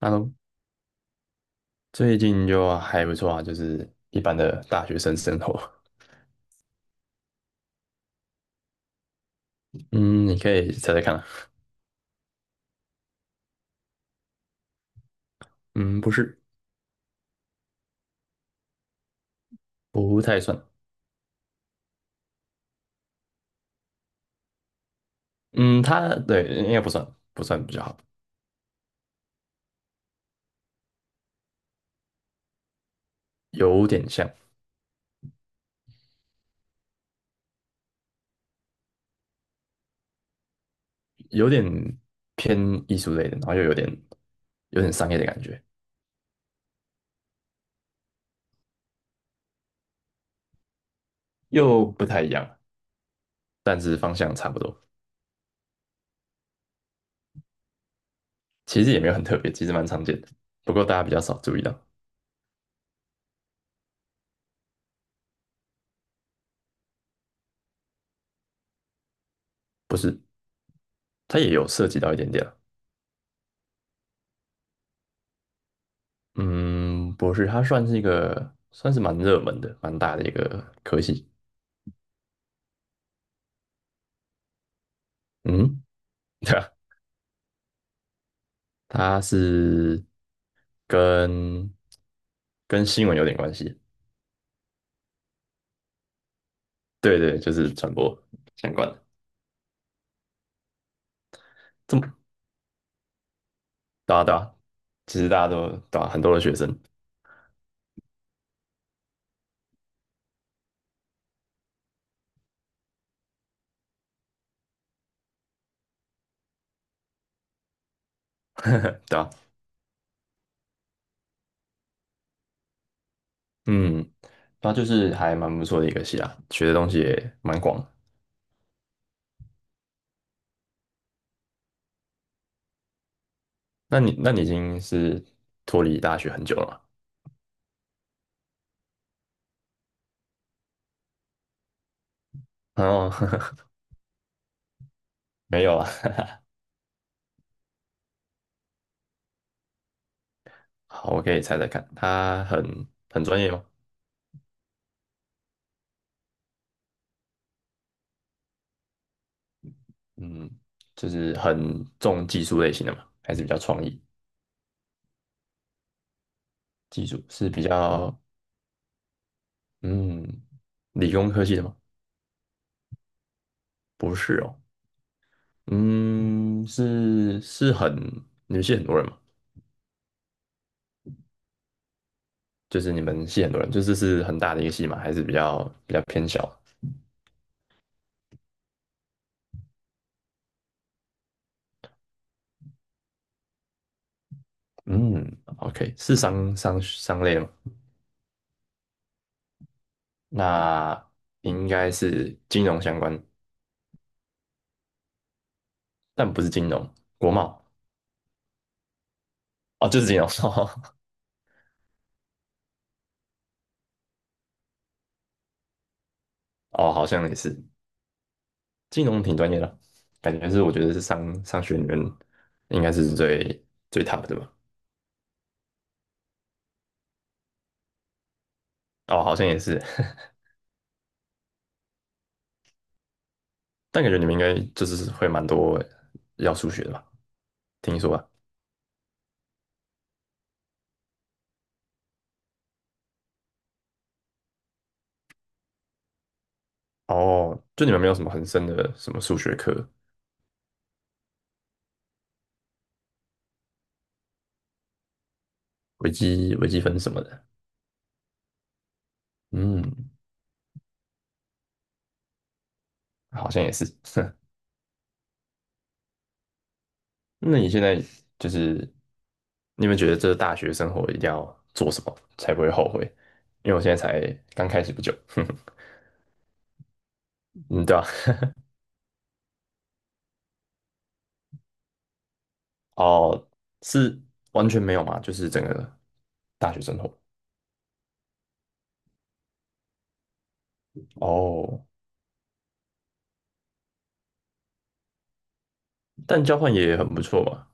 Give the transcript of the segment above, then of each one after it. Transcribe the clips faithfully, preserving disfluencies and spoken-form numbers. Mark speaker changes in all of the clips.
Speaker 1: 哈喽，最近就还不错啊，就是一般的大学生生活。嗯，你可以猜猜看啊嗯，不是，不太算。嗯，它对应该不算，不算比较好，有点像，有点偏艺术类的，然后又有点有点商业的感觉，又不太一样，但是方向差不多。其实也没有很特别，其实蛮常见的，不过大家比较少注意到。不是，它也有涉及到一点点啊。嗯，不是，它算是一个算是蛮热门的、蛮大的一个科系。嗯，对啊，它是跟跟新闻有点关系。对对，就是传播相关的。这么，对啊对啊，其实大家都对啊，很多的学生，对啊，嗯，它就是还蛮不错的一个系啊，学的东西也蛮广的那你那你已经是脱离大学很久了吗？哦，没有啊。好，我可以猜猜看，他很很专业吗？嗯，就是很重技术类型的嘛，还是比较创意？记住是比较嗯理工科系的吗？不是哦，嗯，是是很你们系很多人吗？就是你们系很多人，就是是很大的一个系嘛，还是比较比较偏小的嗯，OK，是商商商类的吗？那应该是金融相关，但不是金融，国贸哦，就是金融 哦，好像也是金融挺专业的，感觉是我觉得是商商学院应该是最最 top 的吧。哦，好像也是，但感觉你们应该就是会蛮多要数学的吧？听说啊，哦，就你们没有什么很深的什么数学课，微积微积分什么的，嗯，好像也是。那你现在就是你有没有觉得这大学生活一定要做什么才不会后悔？因为我现在才刚开始不久，嗯，对吧？哦，是完全没有嘛，就是整个大学生活。哦，但交换也很不错嘛，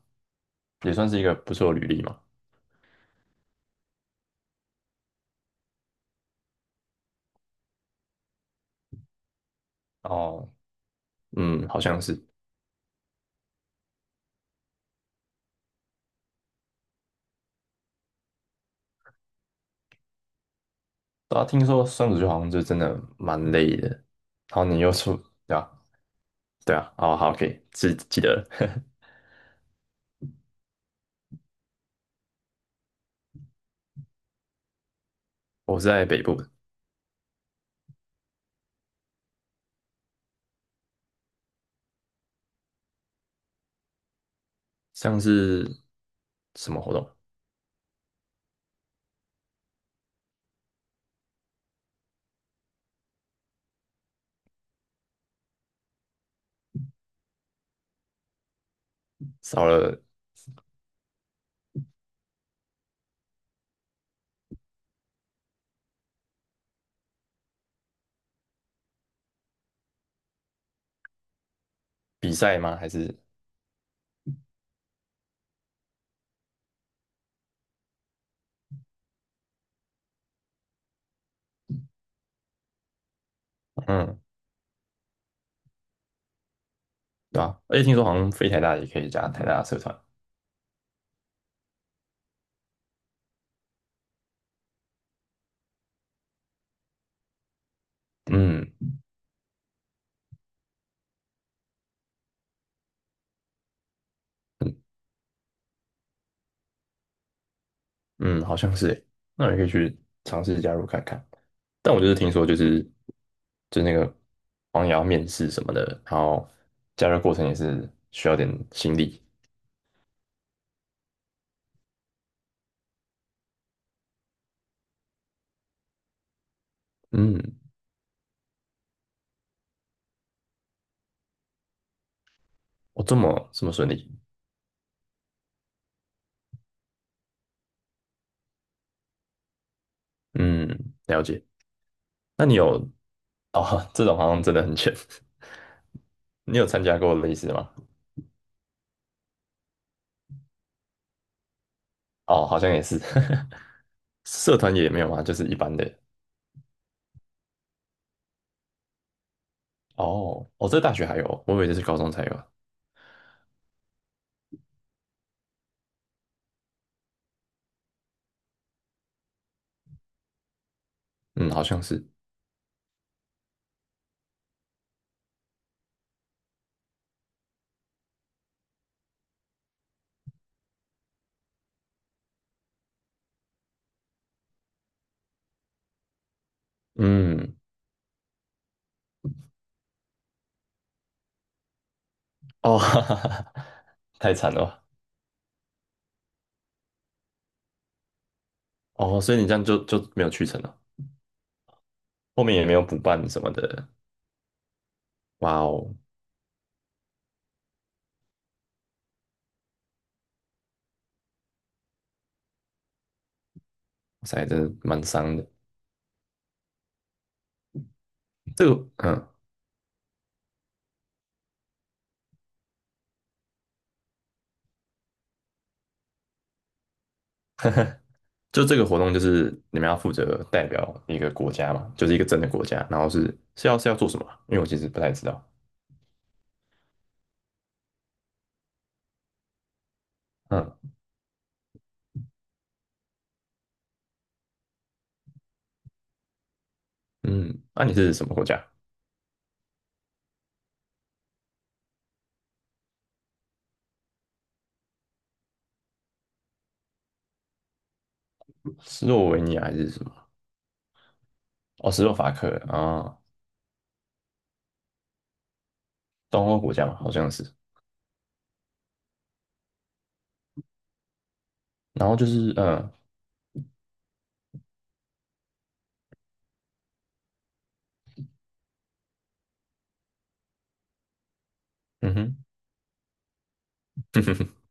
Speaker 1: 也算是一个不错的履历嘛。哦，嗯，好像是。大家听说双子座好像就真的蛮累的，然后你又出，对啊，对啊，哦，好，可以，记记得了。我是在北部的，像是什么活动？少了比赛吗？还是嗯，对啊，而且听说好像飞台大也可以加台大社团，嗯嗯，好像是耶，那你可以去尝试加入看看。但我就是听说，就是就那个好像也要面试什么的，然后加入过程也是需要点心力。嗯，我这么这么顺利，嗯，了解。那你有哦，这种好像真的很浅。你有参加过类似的吗？哦，好像也是，社团也没有吗？就是一般的。哦，哦，这大学还有，我以为这是高中才有。嗯，好像是。嗯，哦，哈哈哈，太惨了吧。哦，所以你这样就就没有去成了，后面也没有补办什么的。哇哦，哇塞，真的蛮伤的。这个，嗯。就这个活动就是你们要负责代表一个国家嘛，就是一个真的国家，然后是是要是要做什么啊因为我其实不太知道。嗯嗯，那、你是什么国家？斯洛维尼亚还是什么？哦，斯洛伐克啊，东欧国家嘛，好像是。然后就是嗯嗯哼，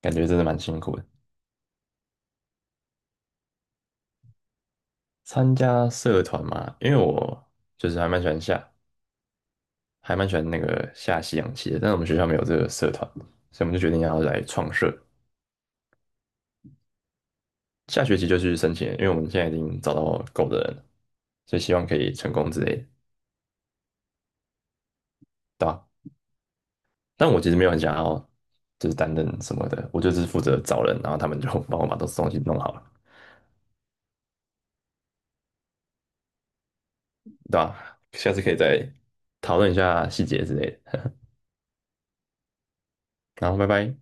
Speaker 1: 感觉真的蛮辛苦的。参加社团嘛，因为我就是还蛮喜欢下，还蛮喜欢那个下西洋棋的，但是我们学校没有这个社团，所以我们就决定要来创社。下学期就去申请了因为我们现在已经找到够的人了，所以希望可以成功之类的，对吧？但我其实没有很想要就是担任什么的，我就只是负责找人，然后他们就 帮我把东东西弄好了，对吧？下次可以再讨论一下细节之类的，然后拜拜。